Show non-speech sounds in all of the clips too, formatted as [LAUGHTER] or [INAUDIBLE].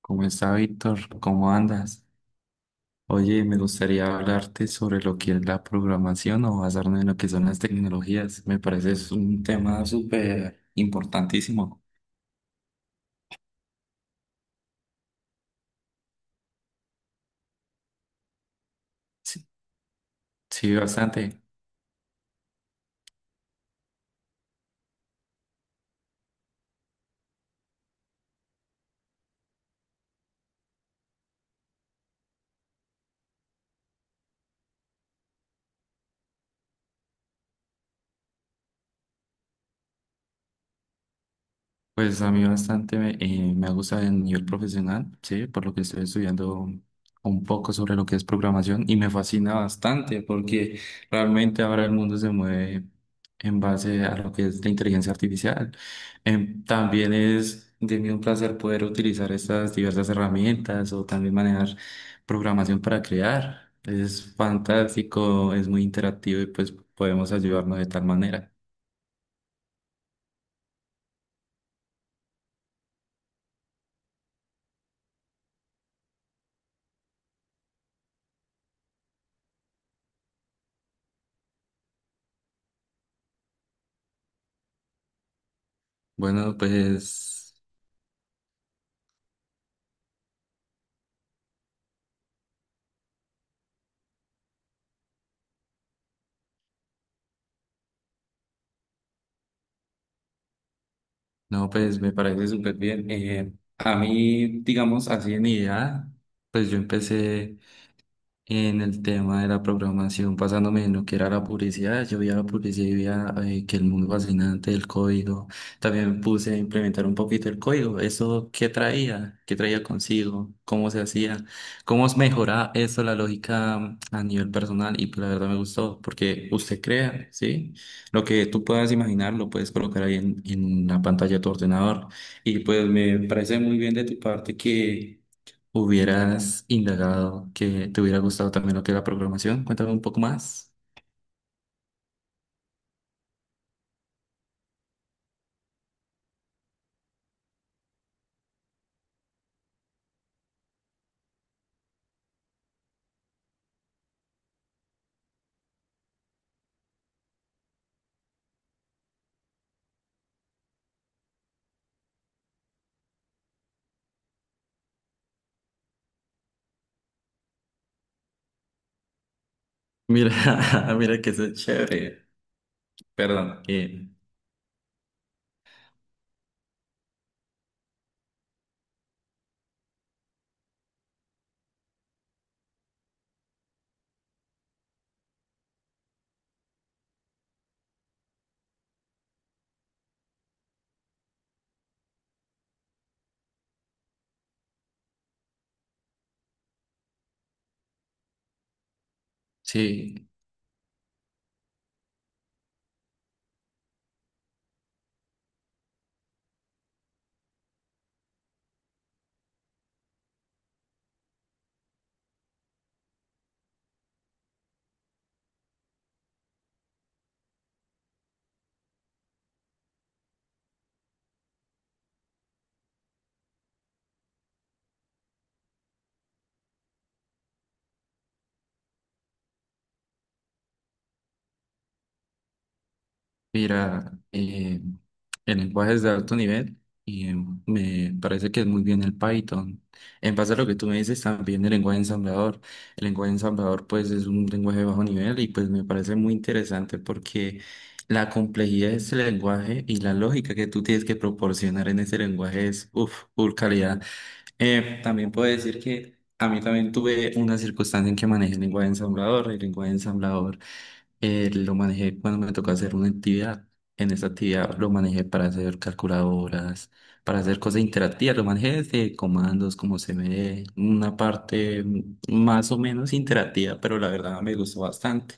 ¿Cómo está Víctor? ¿Cómo andas? Oye, me gustaría hablarte sobre lo que es la programación o basarnos en lo que son las tecnologías. Me parece es un tema súper importantísimo. Sí, sí, bastante. Pues a mí bastante me, me ha gustado el nivel profesional, sí, por lo que estoy estudiando un poco sobre lo que es programación y me fascina bastante porque realmente ahora el mundo se mueve en base a lo que es la inteligencia artificial. También es de mí un placer poder utilizar estas diversas herramientas o también manejar programación para crear. Es fantástico, es muy interactivo y pues podemos ayudarnos de tal manera. Bueno, pues... No, pues me parece súper bien. A mí, digamos, así en idea, pues yo empecé en el tema de la programación, pasándome en lo que era la publicidad. Yo vi a la publicidad y vi a, que el mundo fascinante del código. También me puse a implementar un poquito el código. ¿Eso qué traía? ¿Qué traía consigo? ¿Cómo se hacía? ¿Cómo mejoraba eso la lógica a nivel personal? Y pues, la verdad me gustó, porque usted crea, ¿sí? Lo que tú puedas imaginar lo puedes colocar ahí en la pantalla de tu ordenador. Y pues me parece muy bien de tu parte que hubieras indagado que te hubiera gustado también lo que es la programación. Cuéntame un poco más. Mira, [LAUGHS] mira que eso es chévere. Perdón. Sí. Mira, en lenguajes de alto nivel, y me parece que es muy bien el Python. En base a lo que tú me dices, también el lenguaje ensamblador. El lenguaje ensamblador, pues, es un lenguaje de bajo nivel y, pues, me parece muy interesante porque la complejidad de ese lenguaje y la lógica que tú tienes que proporcionar en ese lenguaje es, uff, full calidad. También puedo decir que a mí también tuve una circunstancia en que manejé el lenguaje ensamblador. El lenguaje ensamblador lo manejé cuando me tocó hacer una actividad. En esa actividad lo manejé para hacer calculadoras, para hacer cosas interactivas. Lo manejé desde comandos, como se ve, una parte más o menos interactiva, pero la verdad me gustó bastante.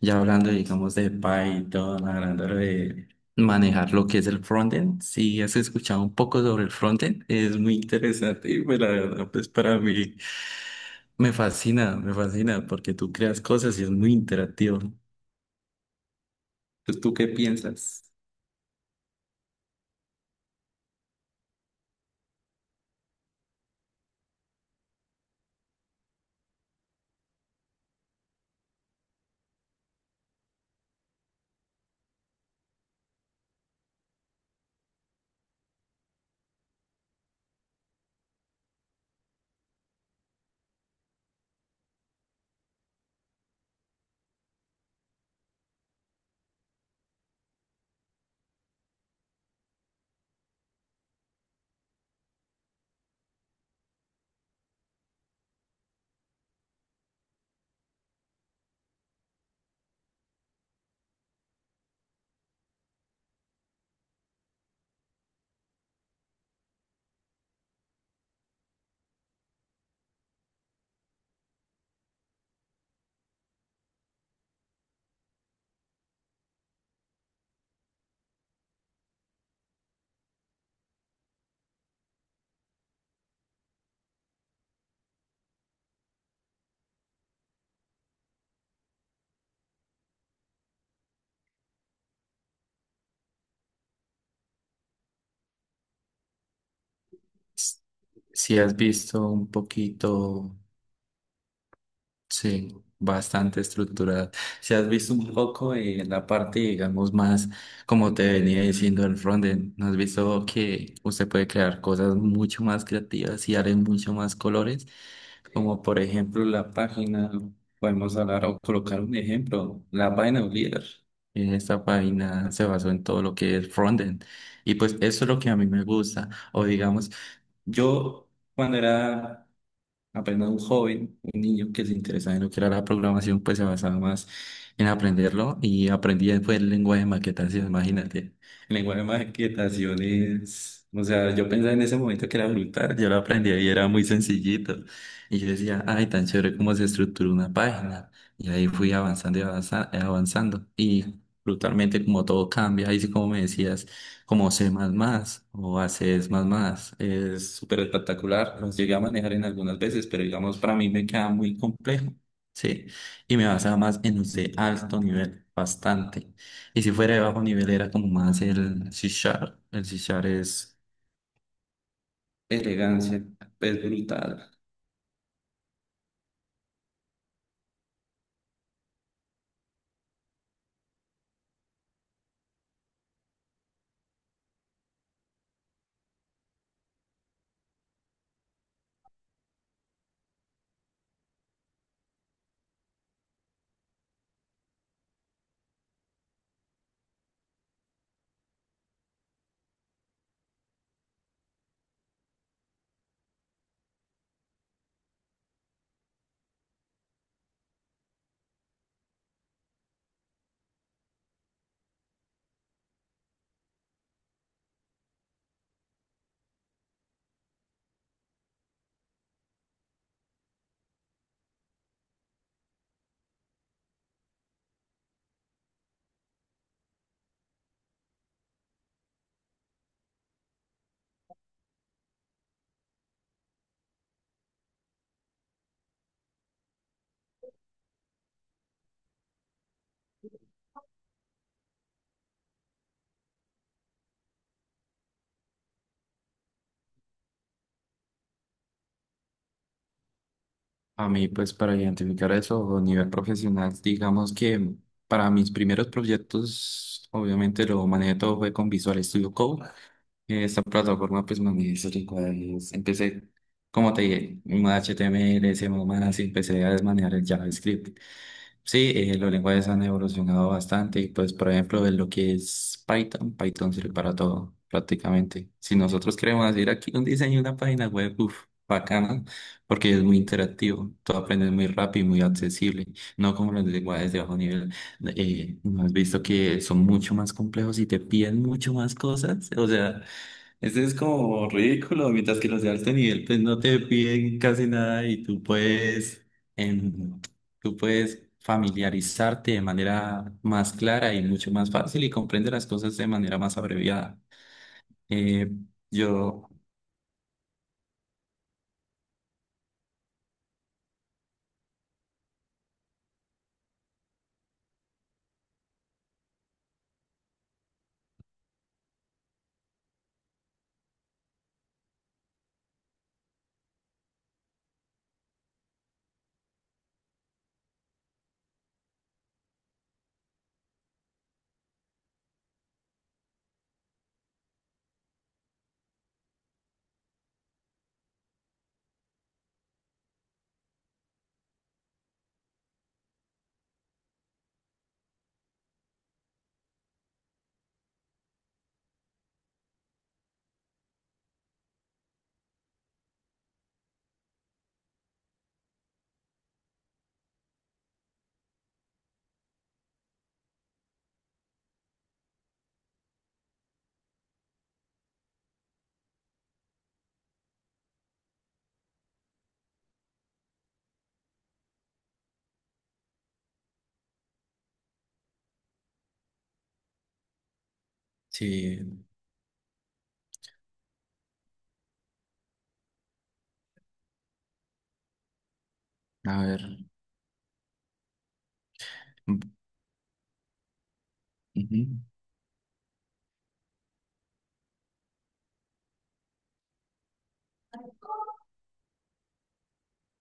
Ya hablando, digamos, de Python, hablando de manejar lo que es el frontend. Si has escuchado un poco sobre el frontend, es muy interesante y pues la verdad, pues para mí me fascina porque tú creas cosas y es muy interactivo. ¿Tú qué piensas? Si has visto un poquito, sí, bastante estructurada. Si has visto un poco en la parte, digamos, más, como te venía diciendo el frontend, ¿no has visto que usted puede crear cosas mucho más creativas y darle mucho más colores? Como por ejemplo la página, podemos hablar o colocar un ejemplo, la página de Oliver. Esta página se basó en todo lo que es frontend, y pues eso es lo que a mí me gusta. O digamos, yo cuando era apenas un joven, un niño que se interesaba en lo que era la programación, pues se basaba más en aprenderlo y aprendí después el lenguaje de maquetación, imagínate. El lenguaje de maquetación es, o sea, yo pensaba en ese momento que era brutal, yo lo aprendí y era muy sencillito. Y yo decía, ay, tan chévere cómo se estructura una página. Y ahí fui avanzando y avanzando. Y brutalmente como todo cambia, ahí sí como me decías como C++ o a C++. Es más más. Es súper espectacular. Los llegué a manejar en algunas veces, pero digamos, para mí me queda muy complejo. Sí, y me basaba más en los de alto nivel, bastante. Y si fuera de bajo nivel era como más el C Sharp. El C Sharp es elegancia, es brutal. A mí, pues, para identificar eso a nivel profesional, digamos que para mis primeros proyectos, obviamente lo manejé todo fue con Visual Studio Code. Esta plataforma, pues, me es rica. Empecé, como te dije, un HTML, CMS, y empecé a desmanejar el JavaScript. Sí, los lenguajes han evolucionado bastante y, pues, por ejemplo, en lo que es Python, Python sirve para todo, prácticamente. Si nosotros queremos hacer aquí un diseño, de una página web, uff, bacana, porque es muy interactivo, todo aprendes muy rápido y muy accesible, no como los lenguajes de bajo nivel. ¿No has visto que son mucho más complejos y te piden mucho más cosas? O sea, ese es como ridículo, mientras que los de alto nivel pues no te piden casi nada y tú puedes, em, tú puedes familiarizarte de manera más clara y mucho más fácil y comprender las cosas de manera más abreviada. Eh, yo, sí, a ver. Mm, ujú.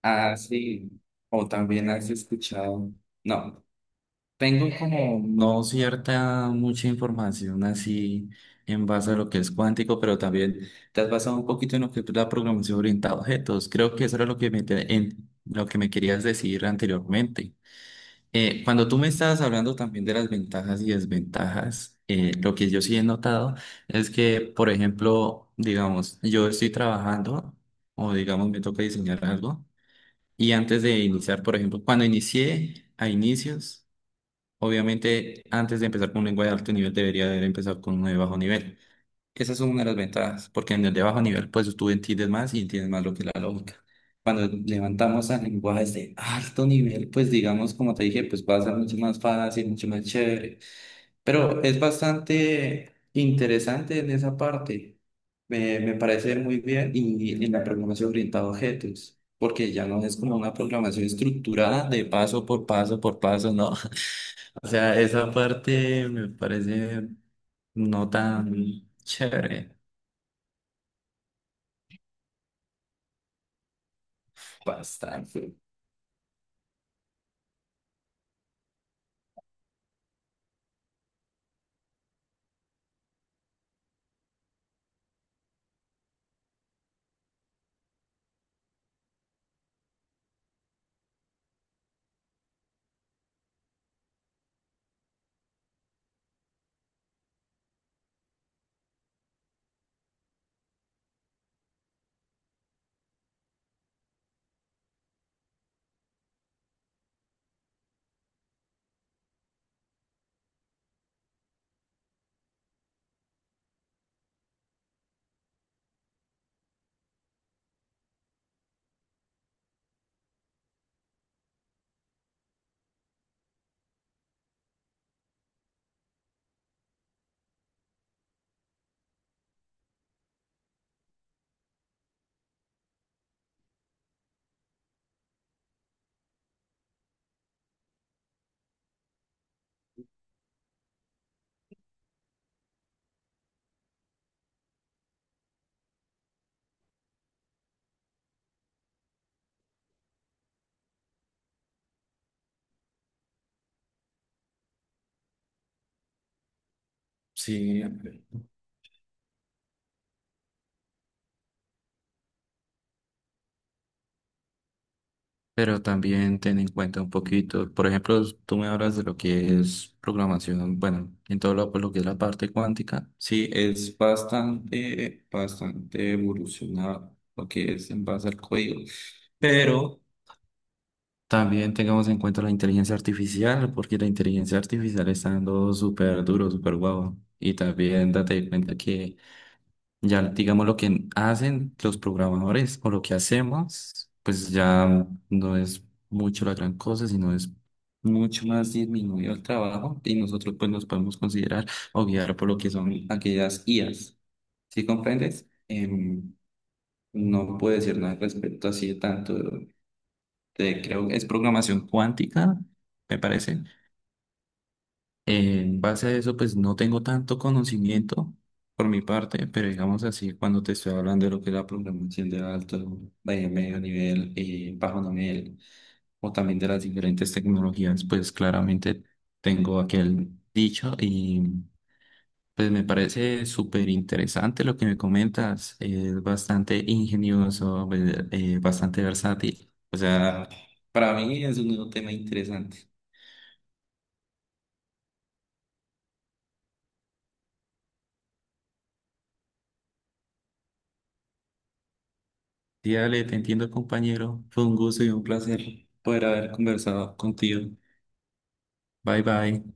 Ah, sí. O también has escuchado. No. Tengo como no cierta mucha información así en base a lo que es cuántico, pero también te has basado un poquito en lo que es la programación orientada a objetos. Creo que eso era lo que me, en lo que me querías decir anteriormente. Cuando tú me estabas hablando también de las ventajas y desventajas, lo que yo sí he notado es que, por ejemplo, digamos, yo estoy trabajando o digamos me toca diseñar algo y antes de iniciar, por ejemplo, cuando inicié a inicios. Obviamente, antes de empezar con un lenguaje de alto nivel, debería haber empezado con uno de bajo nivel. Esa es una de las ventajas, porque en el de bajo nivel, pues tú entiendes más y entiendes más lo que es la lógica. Cuando levantamos a lenguajes de alto nivel, pues digamos, como te dije, pues va a ser mucho más fácil, mucho más chévere. Pero es bastante interesante en esa parte. Me parece muy bien y en la programación orientada a objetos, porque ya no es como una programación estructurada de paso por paso por paso, ¿no? O sea, esa parte me parece no tan chévere. Bastante. Sí, pero también ten en cuenta un poquito, por ejemplo, tú me hablas de lo que es programación, bueno, en todo lo, pues, lo que es la parte cuántica, sí, es bastante, bastante evolucionado lo que es en base al código, pero también tengamos en cuenta la inteligencia artificial, porque la inteligencia artificial está dando súper duro, súper guau. Y también date cuenta que ya, digamos, lo que hacen los programadores o lo que hacemos, pues ya no es mucho la gran cosa, sino es mucho más disminuido el trabajo y nosotros pues nos podemos considerar o guiar por lo que son aquellas IAs. ¿Sí comprendes? No puedo decir nada al respecto así de tanto, creo que es programación cuántica, me parece. En base a eso, pues no tengo tanto conocimiento por mi parte, pero digamos así, cuando te estoy hablando de lo que es la programación de alto, de medio nivel y bajo nivel, o también de las diferentes tecnologías, pues claramente tengo aquel dicho y pues me parece súper interesante lo que me comentas. Es bastante ingenioso, bastante versátil. O sea, para mí es un nuevo tema interesante. Sí, dale, te entiendo, compañero. Fue un gusto y un placer poder haber conversado contigo. Bye, bye.